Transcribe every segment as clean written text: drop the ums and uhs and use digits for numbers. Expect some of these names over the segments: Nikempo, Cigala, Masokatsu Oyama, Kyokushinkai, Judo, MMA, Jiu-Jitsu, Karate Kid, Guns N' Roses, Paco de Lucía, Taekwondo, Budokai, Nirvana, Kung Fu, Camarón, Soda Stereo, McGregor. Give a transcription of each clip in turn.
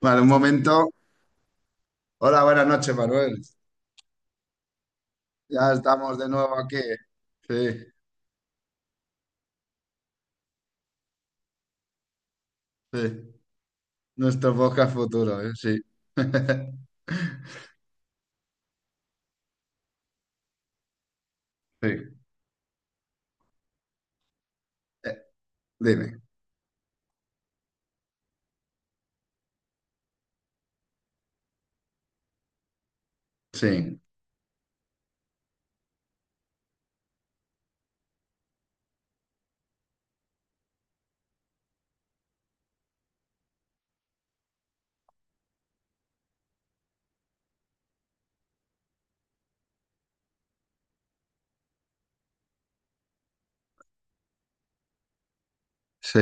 Vale, un momento. Hola, buenas noches, Manuel. Ya estamos de nuevo aquí. Sí, sí. Nuestro podcast futuro, ¿eh? Sí. Sí. Eh, dime. Sí, sí.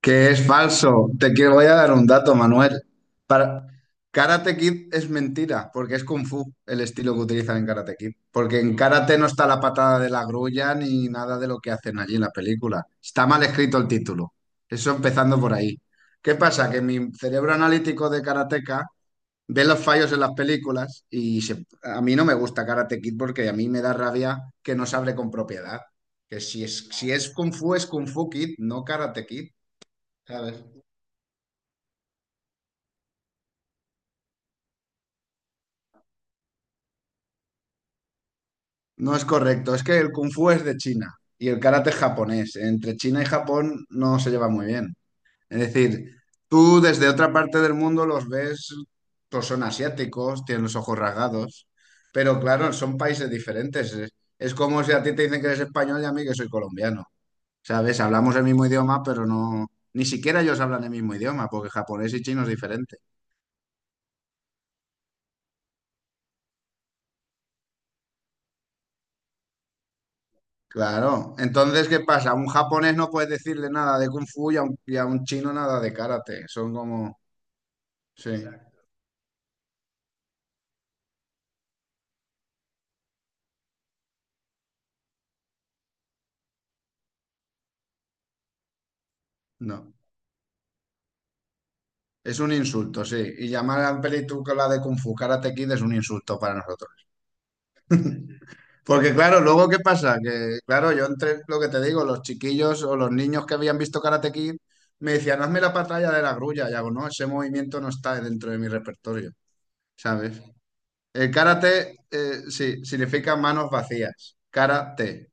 Que es falso. Te quiero, voy a dar un dato, Manuel. Para... Karate Kid es mentira, porque es Kung Fu el estilo que utilizan en Karate Kid. Porque en Karate no está la patada de la grulla ni nada de lo que hacen allí en la película. Está mal escrito el título. Eso empezando por ahí. ¿Qué pasa? Que mi cerebro analítico de karateca ve los fallos en las películas y a mí no me gusta Karate Kid porque a mí me da rabia que no se hable con propiedad. Que si es Kung Fu, es Kung Fu Kid, no Karate Kid, ¿sabes? No es correcto, es que el kung fu es de China y el karate es japonés. Entre China y Japón no se lleva muy bien. Es decir, tú desde otra parte del mundo los ves, pues son asiáticos, tienen los ojos rasgados, pero claro, son países diferentes. Es como si a ti te dicen que eres español y a mí que soy colombiano. ¿Sabes? Hablamos el mismo idioma, pero no, ni siquiera ellos hablan el mismo idioma, porque japonés y chino es diferente. Claro. Entonces, ¿qué pasa? A un japonés no puedes decirle nada de kung fu y a un chino nada de karate. Son como... Sí, no. Es un insulto, sí. Y llamar a un película de kung fu Karate Kid es un insulto para nosotros. Porque claro, luego ¿qué pasa? Que claro, yo entre lo que te digo, los chiquillos o los niños que habían visto Karate Kid me decían, hazme la pantalla de la grulla. Y hago, no, ese movimiento no está dentro de mi repertorio, ¿sabes? El karate, sí, significa manos vacías. Karate.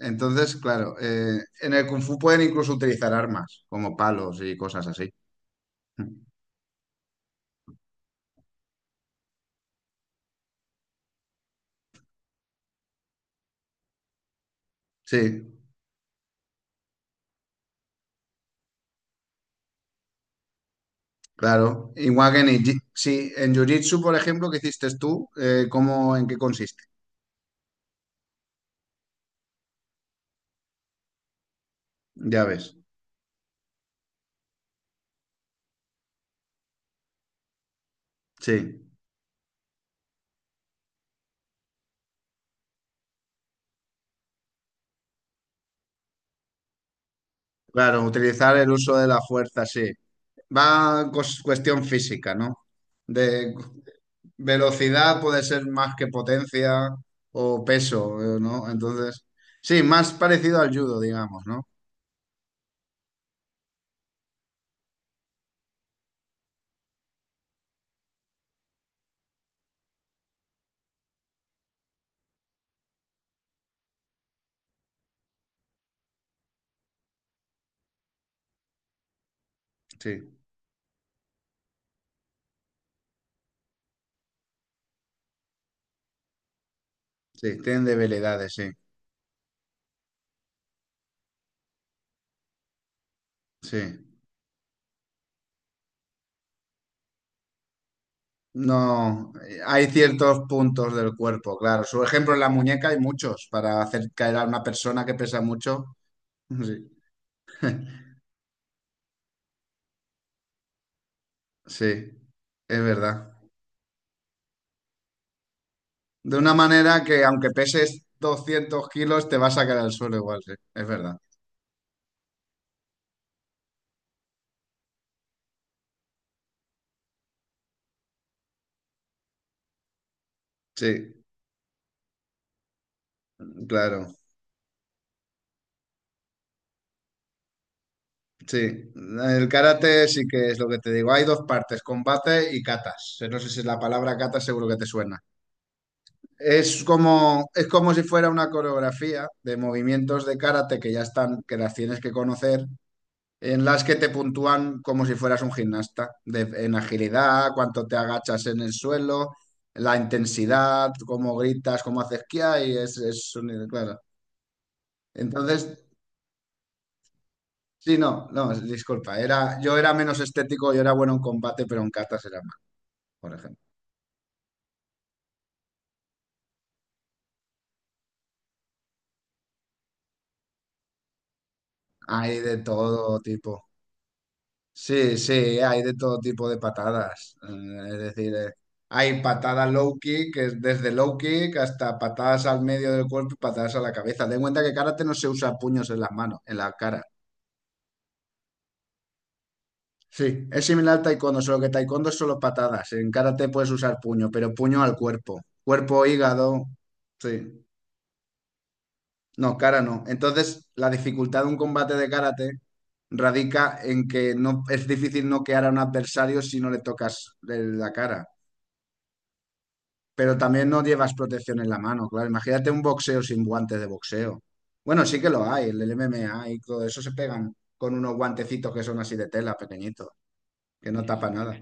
Entonces, claro, en el Kung Fu pueden incluso utilizar armas, como palos y cosas así. Sí, claro. Igual que en, sí, en Jiu-Jitsu, por ejemplo, que hiciste tú, ¿cómo, en qué consiste? Ya ves. Sí, claro, utilizar el uso de la fuerza, sí. Va cuestión física, ¿no? De velocidad puede ser más que potencia o peso, ¿no? Entonces, sí, más parecido al judo, digamos, ¿no? Sí, sí, tienen debilidades, sí, sí. No, hay ciertos puntos del cuerpo, claro. Su ejemplo, en la muñeca hay muchos para hacer caer a una persona que pesa mucho. Sí, sí, es verdad. De una manera que aunque peses 200 kilos, te vas a caer al suelo igual, sí, es verdad. Sí, claro, sí. El karate sí que es lo que te digo. Hay dos partes, combate y katas. No sé si la palabra kata seguro que te suena. Es como si fuera una coreografía de movimientos de karate que ya están, que las tienes que conocer en las que te puntúan como si fueras un gimnasta, en agilidad, cuánto te agachas en el suelo, la intensidad, cómo gritas, cómo haces kia y claro. Entonces, sí, no, no, disculpa, yo era menos estético, yo era bueno en combate, pero en catas era mal por ejemplo. Hay de todo tipo. Sí, sí, hay de todo tipo de patadas. Es decir, hay patadas low kick, que es desde low kick hasta patadas al medio del cuerpo y patadas a la cabeza. Ten en cuenta que karate no se usa puños en las manos, en la cara. Sí, es similar al taekwondo, solo que taekwondo es solo patadas. En karate puedes usar puño, pero puño al cuerpo. Cuerpo, hígado. Sí. No, cara no. Entonces, la dificultad de un combate de karate radica en que no es difícil noquear a un adversario si no le tocas la cara. Pero también no llevas protección en la mano, claro. Imagínate un boxeo sin guantes de boxeo. Bueno, sí que lo hay, el del MMA y todo eso se pegan con unos guantecitos que son así de tela, pequeñitos, que no tapa nada.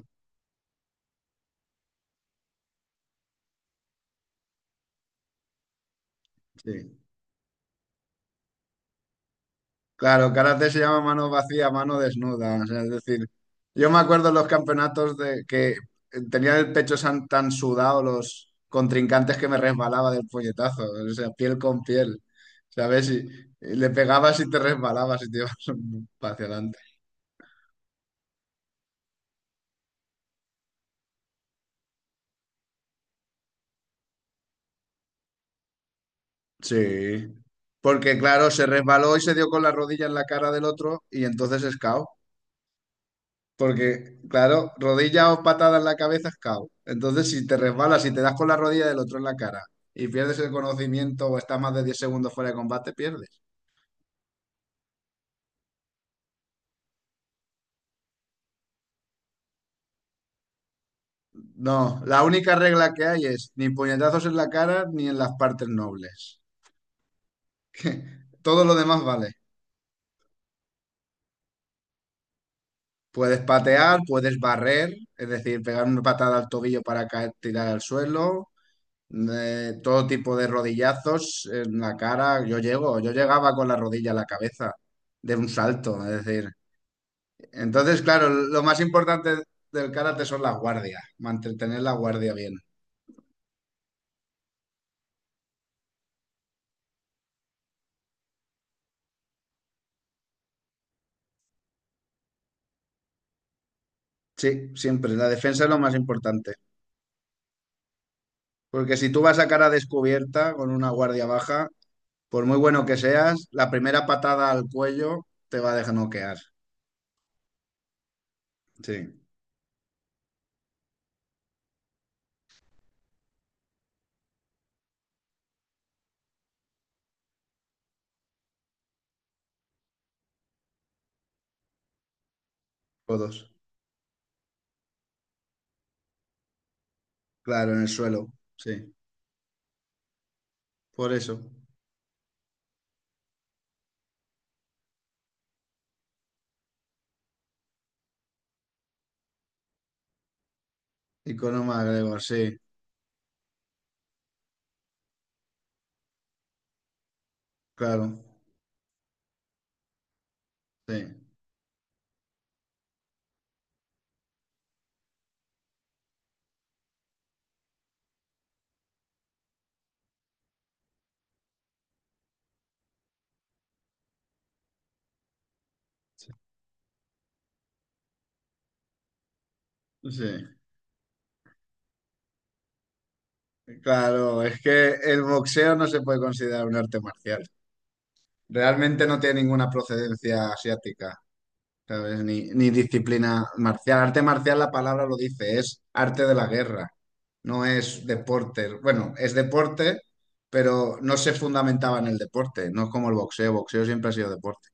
Sí. Claro, karate se llama mano vacía, mano desnuda. O sea, es decir, yo me acuerdo en los campeonatos de que tenían el pecho tan, sudado los contrincantes que me resbalaba del puñetazo. O sea, piel con piel. ¿Sabes? Y le pegabas y te resbalabas y te ibas hacia adelante. Sí, porque claro, se resbaló y se dio con la rodilla en la cara del otro y entonces es KO. Porque claro, rodilla o patada en la cabeza es KO. Entonces si te resbalas y te das con la rodilla del otro en la cara y pierdes el conocimiento o estás más de 10 segundos fuera de combate, pierdes. No, la única regla que hay es ni puñetazos en la cara ni en las partes nobles. Que todo lo demás vale. Puedes patear, puedes barrer, es decir, pegar una patada al tobillo para caer, tirar al suelo. Todo tipo de rodillazos en la cara. Yo llegaba con la rodilla a la cabeza de un salto, es decir. Entonces, claro, lo más importante del karate son las guardias, mantener la guardia bien. Sí, siempre, la defensa es lo más importante. Porque si tú vas a cara descubierta con una guardia baja, por muy bueno que seas, la primera patada al cuello te va a dejar noquear. Sí, todos. Claro, en el suelo. Sí, por eso. Y con un McGregor, sí, claro. Sí. Sí, claro, es que el boxeo no se puede considerar un arte marcial. Realmente no tiene ninguna procedencia asiática, ¿sabes? Ni disciplina marcial. Arte marcial, la palabra lo dice, es arte de la guerra, no es deporte. Bueno, es deporte, pero no se fundamentaba en el deporte, no es como el boxeo, boxeo siempre ha sido deporte.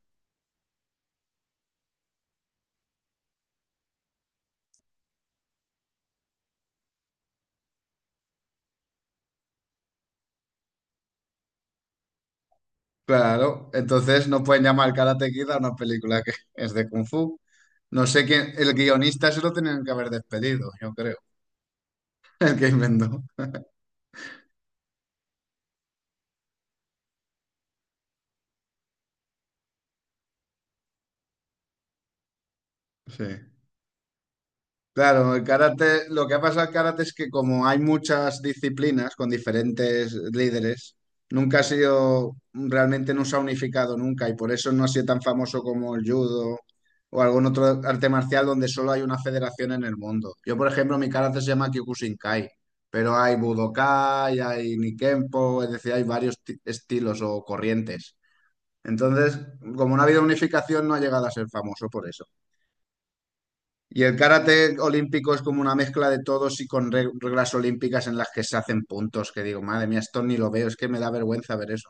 Claro, entonces no pueden llamar Karate Kid a una película que es de Kung Fu. No sé quién, el guionista se lo tenían que haber despedido, yo creo, el que inventó. Sí. Claro, el karate, lo que ha pasado al karate es que como hay muchas disciplinas con diferentes líderes, nunca ha sido, realmente no se ha unificado nunca y por eso no ha sido tan famoso como el judo o algún otro arte marcial donde solo hay una federación en el mundo. Yo, por ejemplo, mi karate se llama Kyokushinkai, pero hay Budokai, hay Nikempo, es decir, hay varios estilos o corrientes. Entonces, como no ha habido unificación, no ha llegado a ser famoso por eso. Y el karate olímpico es como una mezcla de todos y con reglas olímpicas en las que se hacen puntos, que digo, madre mía, esto ni lo veo, es que me da vergüenza ver eso.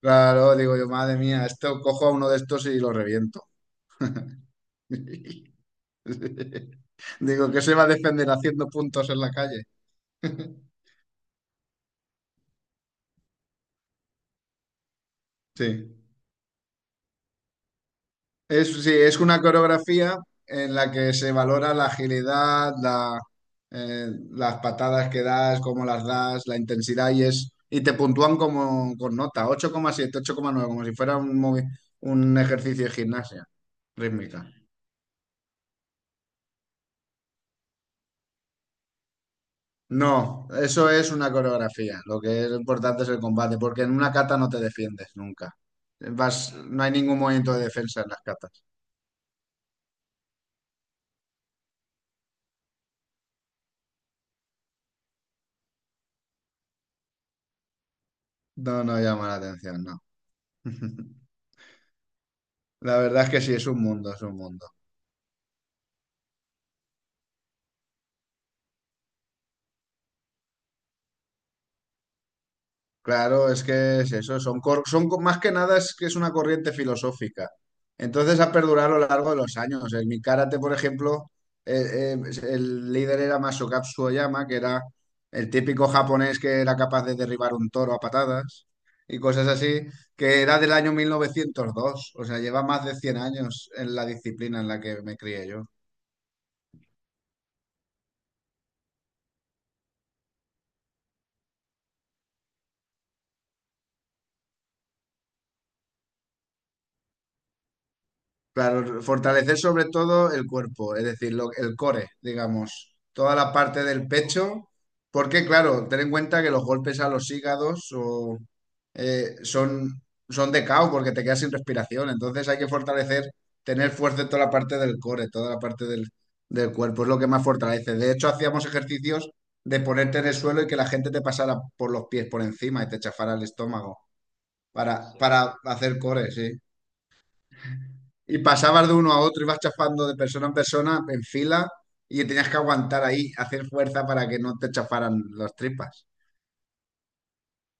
Claro, digo yo, madre mía, esto cojo a uno de estos y lo reviento. Digo, que se va a defender haciendo puntos en la calle. Sí. Sí, es una coreografía en la que se valora la agilidad, las patadas que das, cómo las das, la intensidad y te puntúan como con nota, ocho coma siete, 8,9, como si fuera un ejercicio de gimnasia rítmica. No, eso es una coreografía. Lo que es importante es el combate, porque en una kata no te defiendes nunca. Vas, no hay ningún movimiento de defensa en las katas. No, no llama la atención, no. La verdad es que sí, es un mundo, es un mundo. Claro, es que es eso, son, cor- son co- más que nada es que es una corriente filosófica. Entonces ha perdurado a lo largo de los años. En mi karate, por ejemplo, pues, el líder era Masokatsu Oyama, que era el típico japonés que era capaz de derribar un toro a patadas y cosas así, que era del año 1902. O sea, lleva más de 100 años en la disciplina en la que me crié yo. Claro, fortalecer sobre todo el cuerpo, es decir, el core, digamos, toda la parte del pecho, porque claro, ten en cuenta que los golpes a los hígados o, eh, son, son de caos porque te quedas sin respiración, entonces hay que fortalecer, tener fuerza en toda la parte del core, toda la parte del cuerpo, es lo que más fortalece. De hecho, hacíamos ejercicios de ponerte en el suelo y que la gente te pasara por los pies por encima y te chafara el estómago. Sí. Para hacer core, sí. Y pasabas de uno a otro, ibas chafando de persona en persona, en fila, y tenías que aguantar ahí, hacer fuerza para que no te chafaran las tripas.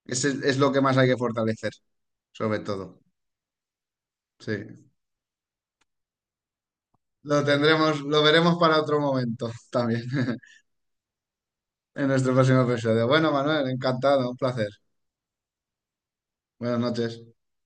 Ese es lo que más hay que fortalecer, sobre todo. Sí. Lo tendremos, lo veremos para otro momento también, en nuestro próximo episodio. Bueno, Manuel, encantado, un placer. Buenas noches.